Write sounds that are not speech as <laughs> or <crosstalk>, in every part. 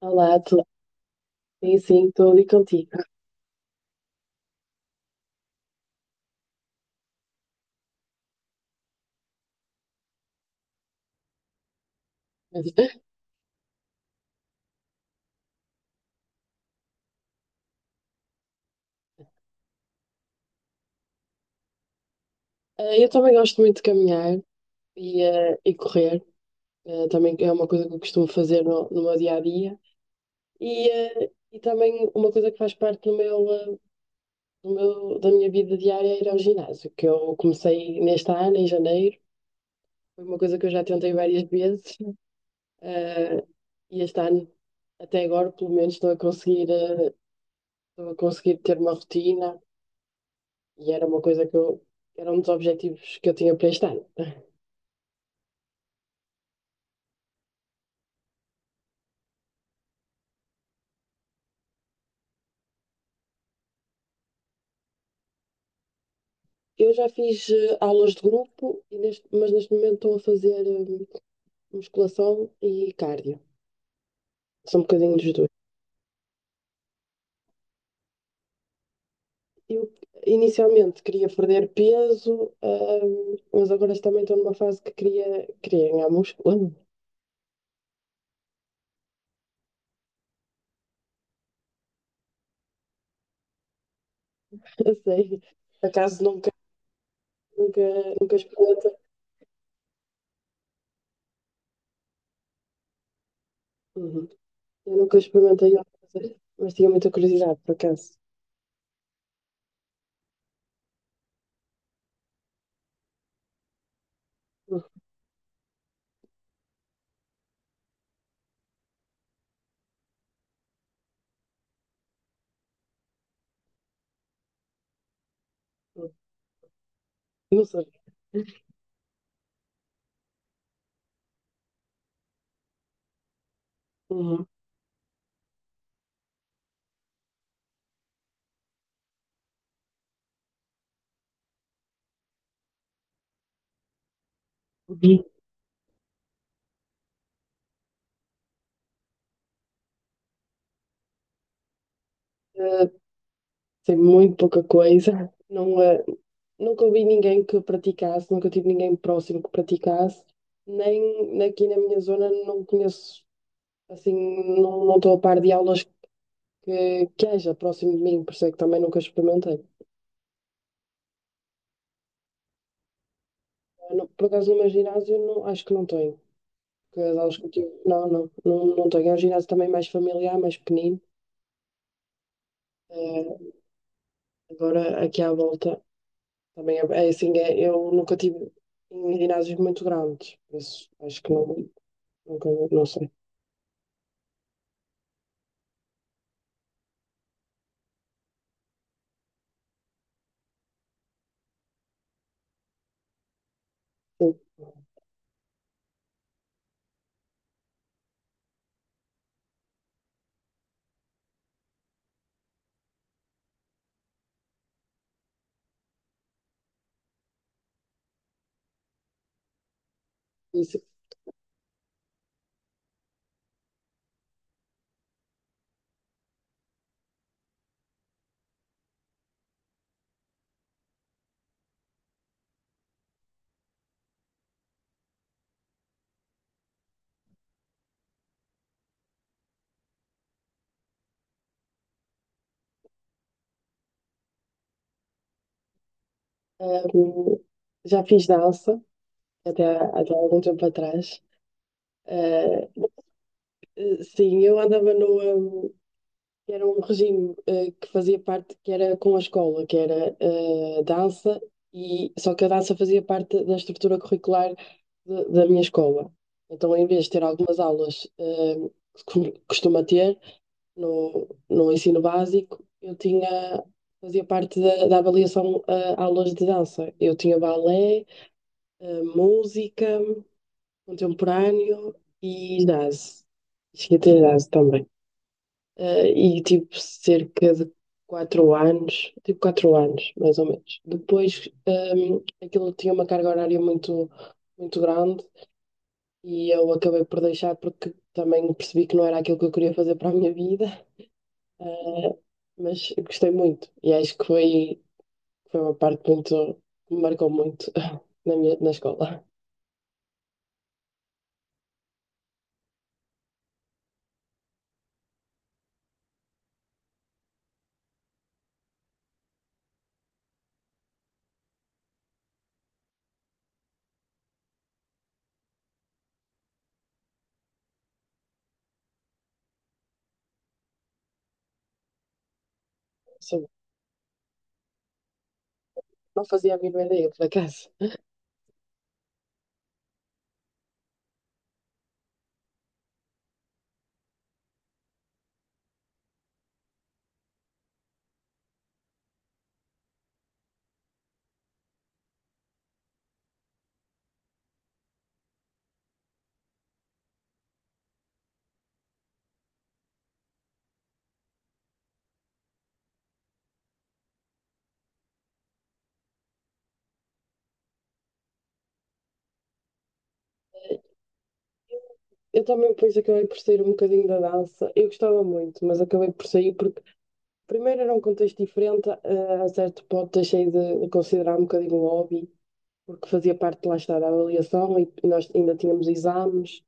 Olá, sim, sim, estou ali contigo. <laughs> Eu também gosto muito de caminhar e correr. Também é uma coisa que eu costumo fazer no meu dia a dia. E também uma coisa que faz parte do meu, eh, do meu- da minha vida diária é ir ao ginásio, que eu comecei neste ano, em janeiro. Foi uma coisa que eu já tentei várias vezes, eh, e este ano, até agora, pelo menos, estou a conseguir ter uma rotina, e era uma coisa era um dos objetivos que eu tinha para este ano. Eu já fiz aulas de grupo, e mas neste momento estou a fazer musculação e cardio. São um bocadinho dos dois. Eu inicialmente queria perder peso, mas agora também estou numa fase que queria ganhar músculo. <laughs> Eu sei. Por acaso nunca, nunca experimentei. Uhum. Eu nunca experimentei fazer, mas tinha muita curiosidade, por acaso. Uhum. Não sei. Uhum. Uhum. Sei muito pouca coisa. Não, nunca ouvi ninguém que praticasse, nunca tive ninguém próximo que praticasse, nem aqui na minha zona não conheço, assim, não estou a par de aulas que haja próximo de mim, por isso é que também nunca experimentei. Ah, por acaso, no meu ginásio, não, acho que não tenho. Porque as aulas que eu tive, não tenho. É um ginásio também mais familiar, mais pequenino. Eh, agora, aqui à volta, também é assim, eu nunca tive em ginásios muito grandes, por isso acho que não, nunca, não sei. Sim. Hum, já fiz dança até algum tempo atrás. Eh, sim, eu andava no. Era um regime que fazia parte, que era com a escola, que era dança, e, só que a dança fazia parte da estrutura curricular da minha escola. Então, em vez de ter algumas aulas que costuma ter no ensino básico, eu tinha, fazia parte da avaliação aulas de dança. Eu tinha balé, música, contemporâneo e jazz. Cheguei a ter jazz também. Eh, e tipo cerca de 4 anos, tipo 4 anos, mais ou menos. Depois aquilo tinha uma carga horária muito, muito grande e eu acabei por deixar porque também percebi que não era aquilo que eu queria fazer para a minha vida. Eh, mas gostei muito e acho que foi uma parte que me marcou muito <laughs> na escola. Sim, não fazia a mínima ideia, por acaso. Eu também depois acabei por sair um bocadinho da dança. Eu gostava muito, mas acabei por sair porque primeiro era um contexto diferente, a certo ponto deixei de considerar um bocadinho o hobby, porque fazia parte lá está da avaliação e nós ainda tínhamos exames,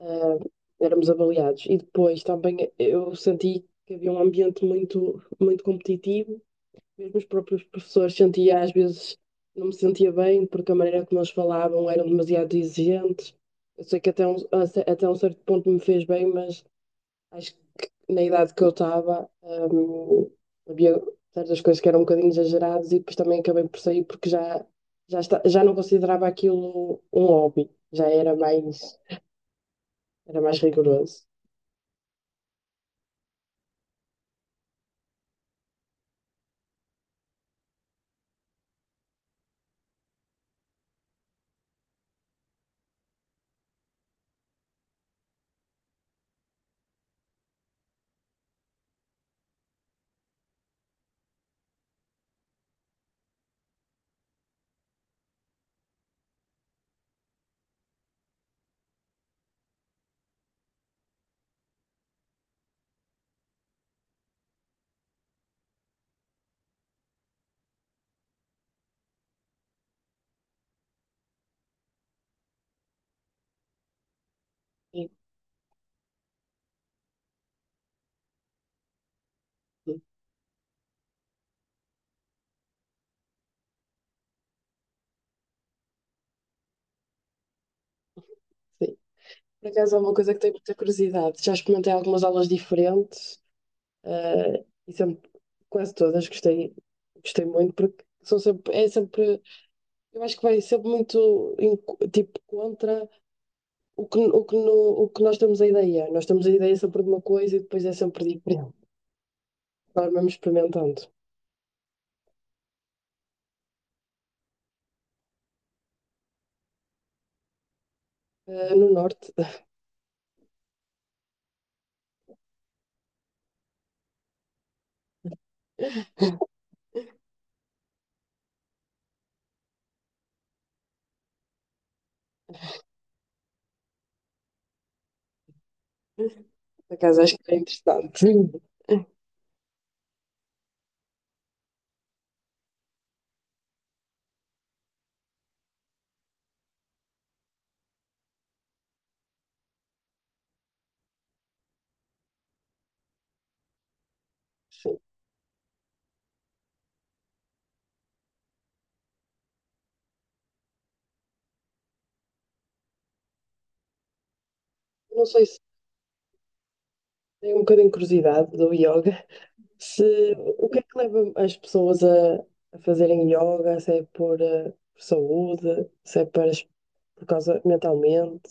eh, éramos avaliados. E depois também eu senti que havia um ambiente muito, muito competitivo. Mesmo os próprios professores sentia, às vezes, não me sentia bem porque a maneira como eles falavam eram demasiado exigentes. Eu sei que até um certo ponto me fez bem, mas acho que na idade que eu estava, havia certas coisas que eram um bocadinho exageradas e depois também acabei por sair porque já não considerava aquilo um hobby, já era mais rigoroso. Sim, sim. Por acaso é uma coisa que tenho muita curiosidade. Já experimentei algumas aulas diferentes. E sempre, quase todas gostei, muito porque é sempre, eu acho que vai sempre muito em tipo contra o que, no, o que nós temos a ideia. Nós temos a ideia sempre de uma coisa e depois é sempre diferente. Nós vamos experimentando. No norte. <laughs> Por acaso acho que é interessante. Sim. Sim. Não sei se tem um bocadinho de curiosidade do yoga. Se, o que é que leva as pessoas a fazerem yoga? Se é por saúde, se é por causa mentalmente.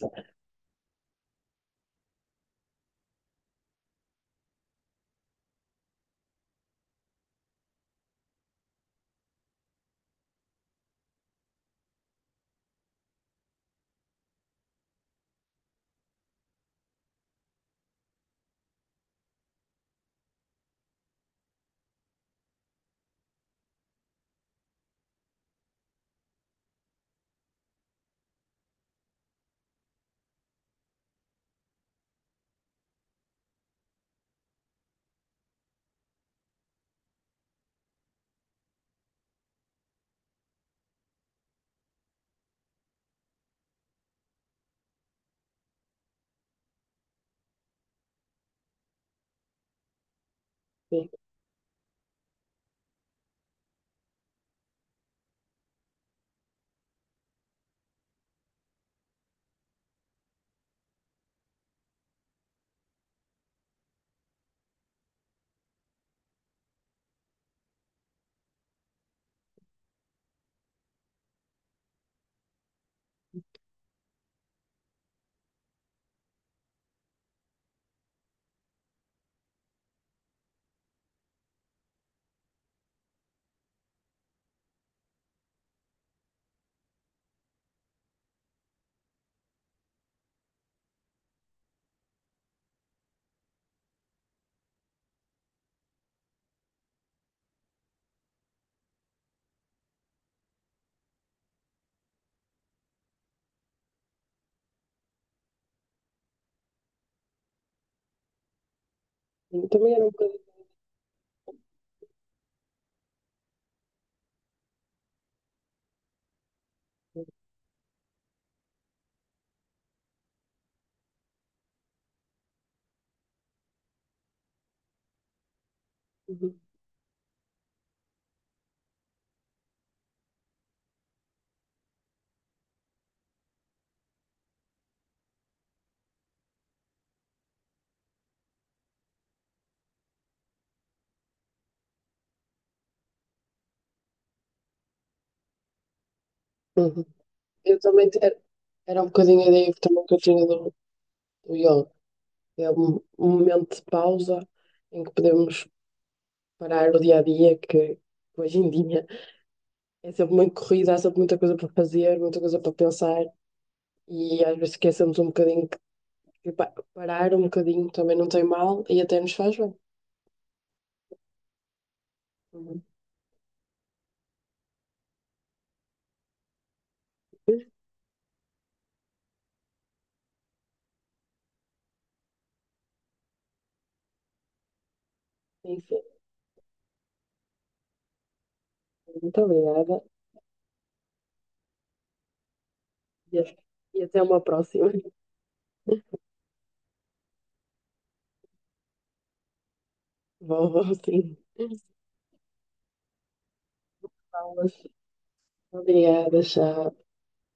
Sim. Também era um bocadinho. Uhum. Uhum. Eu também era um bocadinho a ideia que também que eu tinha do yoga. É um momento de pausa em que podemos parar o dia a dia, que hoje em dia é sempre muito corrido, há sempre muita coisa para fazer, muita coisa para pensar, e às vezes esquecemos um bocadinho que parar um bocadinho também não tem mal e até nos faz bem. Uhum. Sim, sim. Muito obrigada. E a- e até uma próxima. <laughs> Vou, vou, sim. Aulas. Obrigada, tchau.